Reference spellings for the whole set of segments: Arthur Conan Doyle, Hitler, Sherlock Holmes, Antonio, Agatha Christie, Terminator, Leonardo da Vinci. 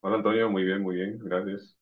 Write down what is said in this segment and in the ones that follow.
Hola Antonio, muy bien, gracias.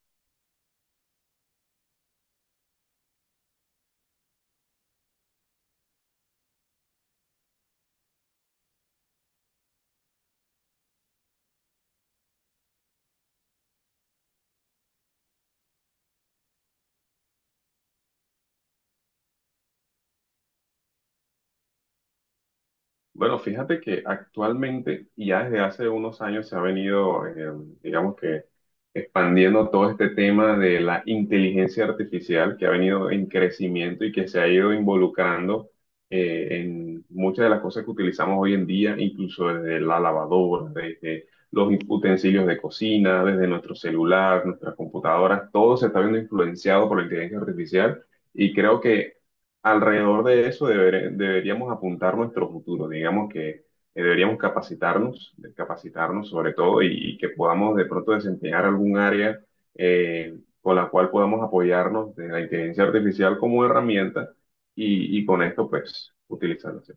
Bueno, fíjate que actualmente y ya desde hace unos años se ha venido, digamos que expandiendo todo este tema de la inteligencia artificial que ha venido en crecimiento y que se ha ido involucrando en muchas de las cosas que utilizamos hoy en día, incluso desde la lavadora, desde los utensilios de cocina, desde nuestro celular, nuestras computadoras, todo se está viendo influenciado por la inteligencia artificial y creo que alrededor de eso deberíamos apuntar nuestro futuro, digamos que deberíamos capacitarnos sobre todo y que podamos de pronto desempeñar algún área con la cual podamos apoyarnos de la inteligencia artificial como herramienta y, con esto pues utilizarla. ¿Sí?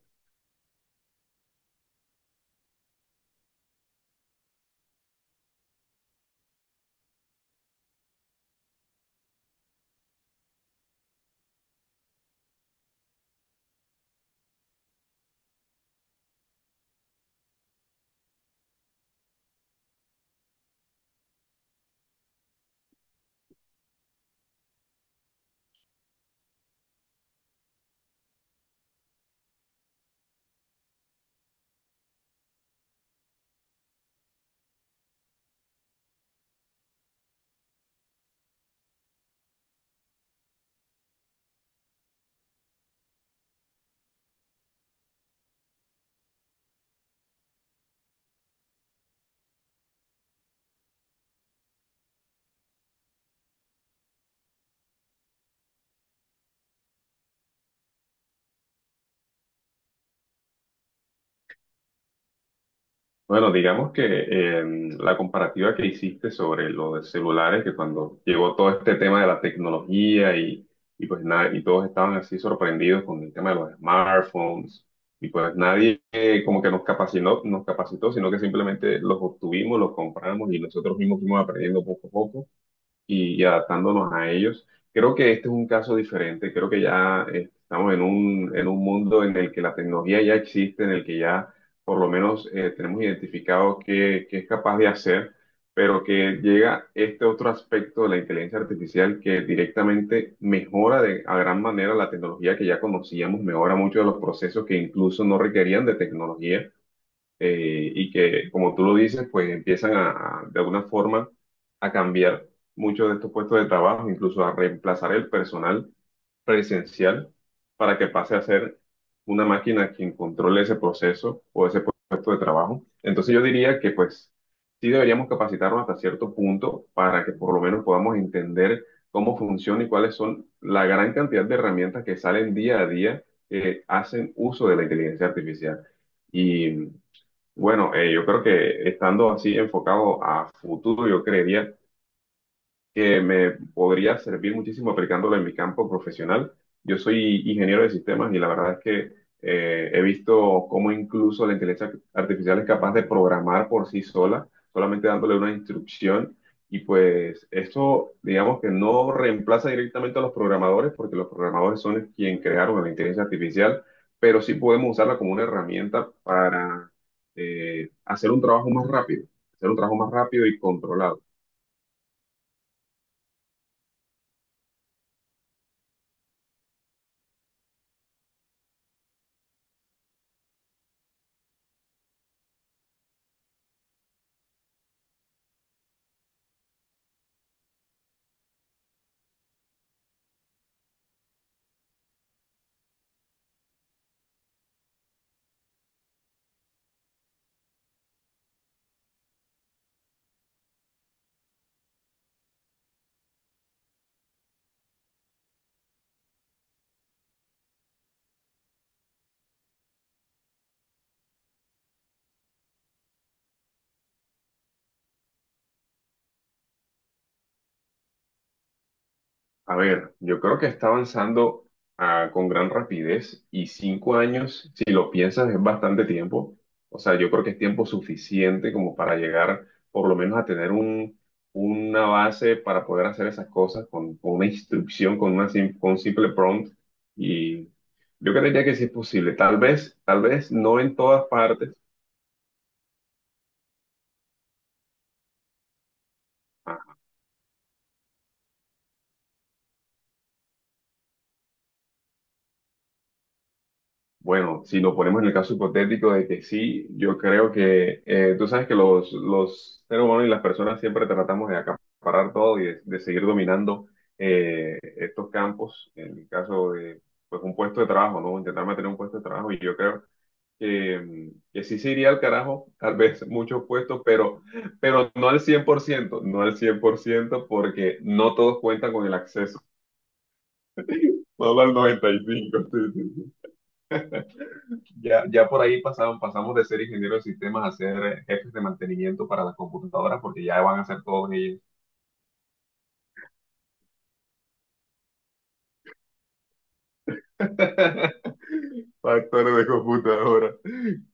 Bueno, digamos que la comparativa que hiciste sobre los celulares, que cuando llegó todo este tema de la tecnología y pues nada, y todos estaban así sorprendidos con el tema de los smartphones, y pues nadie como que nos capacitó, sino que simplemente los obtuvimos, los compramos y nosotros mismos fuimos aprendiendo poco a poco y adaptándonos a ellos. Creo que este es un caso diferente, creo que ya estamos en un mundo en el que la tecnología ya existe, en el que ya por lo menos tenemos identificado qué, qué es capaz de hacer, pero que llega este otro aspecto de la inteligencia artificial que directamente mejora de, a gran manera la tecnología que ya conocíamos, mejora muchos de los procesos que incluso no requerían de tecnología y que, como tú lo dices, pues empiezan de alguna forma a cambiar muchos de estos puestos de trabajo, incluso a reemplazar el personal presencial para que pase a ser una máquina quien controle ese proceso o ese puesto de trabajo. Entonces yo diría que pues sí deberíamos capacitarnos hasta cierto punto para que por lo menos podamos entender cómo funciona y cuáles son la gran cantidad de herramientas que salen día a día que hacen uso de la inteligencia artificial. Y bueno, yo creo que estando así enfocado a futuro, yo creería que me podría servir muchísimo aplicándolo en mi campo profesional. Yo soy ingeniero de sistemas y la verdad es que he visto cómo incluso la inteligencia artificial es capaz de programar por sí sola, solamente dándole una instrucción. Y pues esto, digamos que no reemplaza directamente a los programadores, porque los programadores son quienes crearon la inteligencia artificial, pero sí podemos usarla como una herramienta para hacer un trabajo más rápido, hacer un trabajo más rápido y controlado. A ver, yo creo que está avanzando con gran rapidez y 5 años, si lo piensas, es bastante tiempo. O sea, yo creo que es tiempo suficiente como para llegar por lo menos a tener una base para poder hacer esas cosas con una instrucción, con un simple prompt. Y yo creería que sí es posible. Tal vez no en todas partes. Bueno, si lo ponemos en el caso hipotético de que sí, yo creo que tú sabes que los seres humanos y las personas siempre tratamos de acaparar todo y de seguir dominando estos campos, en el caso de pues, un puesto de trabajo, ¿no? Intentar mantener un puesto de trabajo y yo creo que, que sí se iría al carajo, tal vez muchos puestos, pero no al 100%, no al 100%, porque no todos cuentan con el acceso, solo al 95%. Ya, ya por ahí pasaron, pasamos de ser ingeniero de sistemas a ser jefes de mantenimiento para las computadoras, porque ya van a ser todos ellos. Factores de computadora,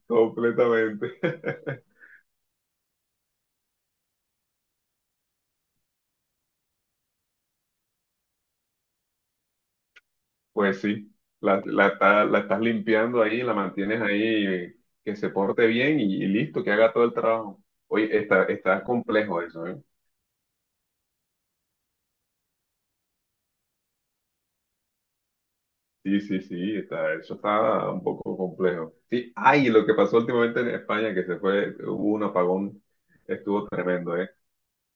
completamente. Pues sí, la estás limpiando ahí, la mantienes ahí, que se porte bien y listo, que haga todo el trabajo. Oye, está complejo eso, ¿eh? Sí, sí, sí, eso está un poco complejo. Sí, ay, lo que pasó últimamente en España, que se fue, hubo un apagón, estuvo tremendo, ¿eh?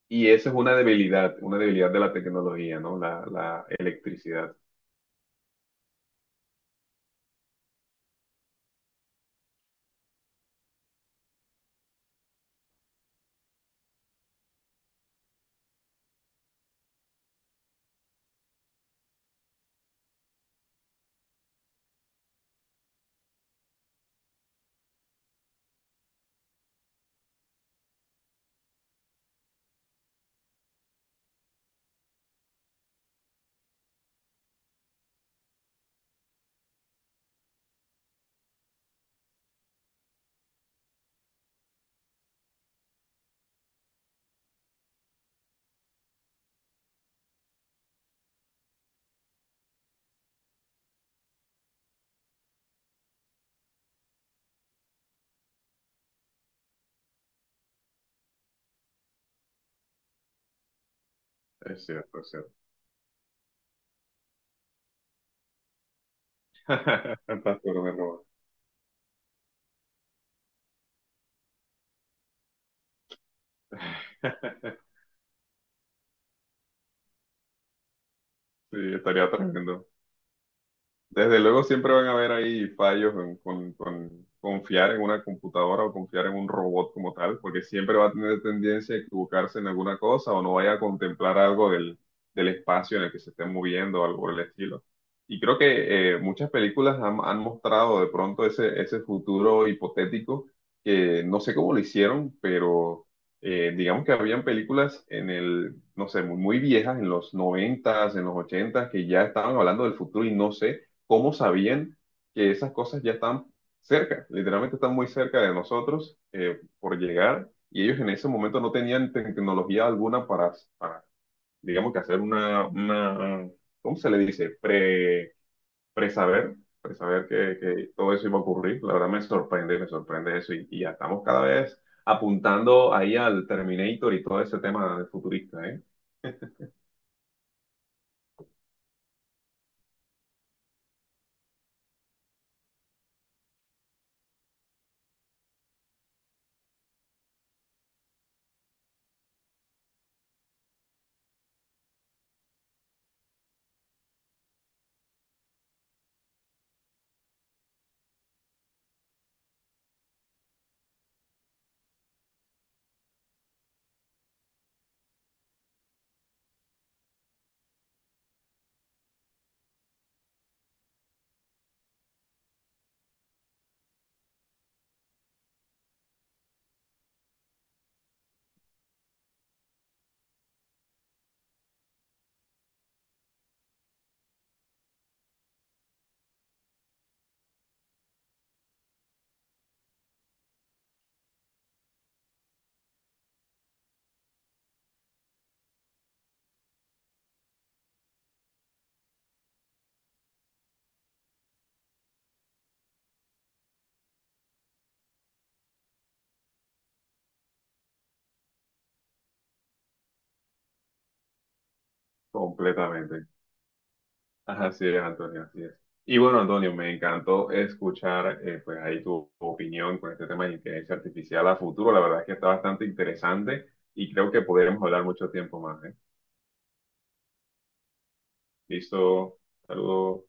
Y eso es una debilidad de la tecnología, ¿no? La electricidad. Es cierto, es cierto. Tantas cosas me roban. Sí, estaría tremendo. Desde luego siempre van a haber ahí fallos con confiar en una computadora o confiar en un robot como tal, porque siempre va a tener tendencia a equivocarse en alguna cosa o no vaya a contemplar algo del espacio en el que se esté moviendo o algo por el estilo. Y creo que muchas películas han mostrado de pronto ese futuro hipotético que no sé cómo lo hicieron, pero digamos que habían películas en el, no sé, muy, muy viejas, en los noventas, en los ochentas que ya estaban hablando del futuro y no sé cómo sabían que esas cosas ya están cerca, literalmente están muy cerca de nosotros por llegar y ellos en ese momento no tenían tecnología alguna para, para, digamos que hacer una, ¿cómo se le dice? Presaber que todo eso iba a ocurrir. La verdad me sorprende eso y ya estamos cada vez apuntando ahí al Terminator y todo ese tema de futurista, ¿eh? Completamente. Así es, Antonio, así es. Y bueno, Antonio, me encantó escuchar pues ahí tu opinión con este tema de inteligencia artificial a futuro. La verdad es que está bastante interesante y creo que podremos hablar mucho tiempo más, ¿eh? Listo, saludos.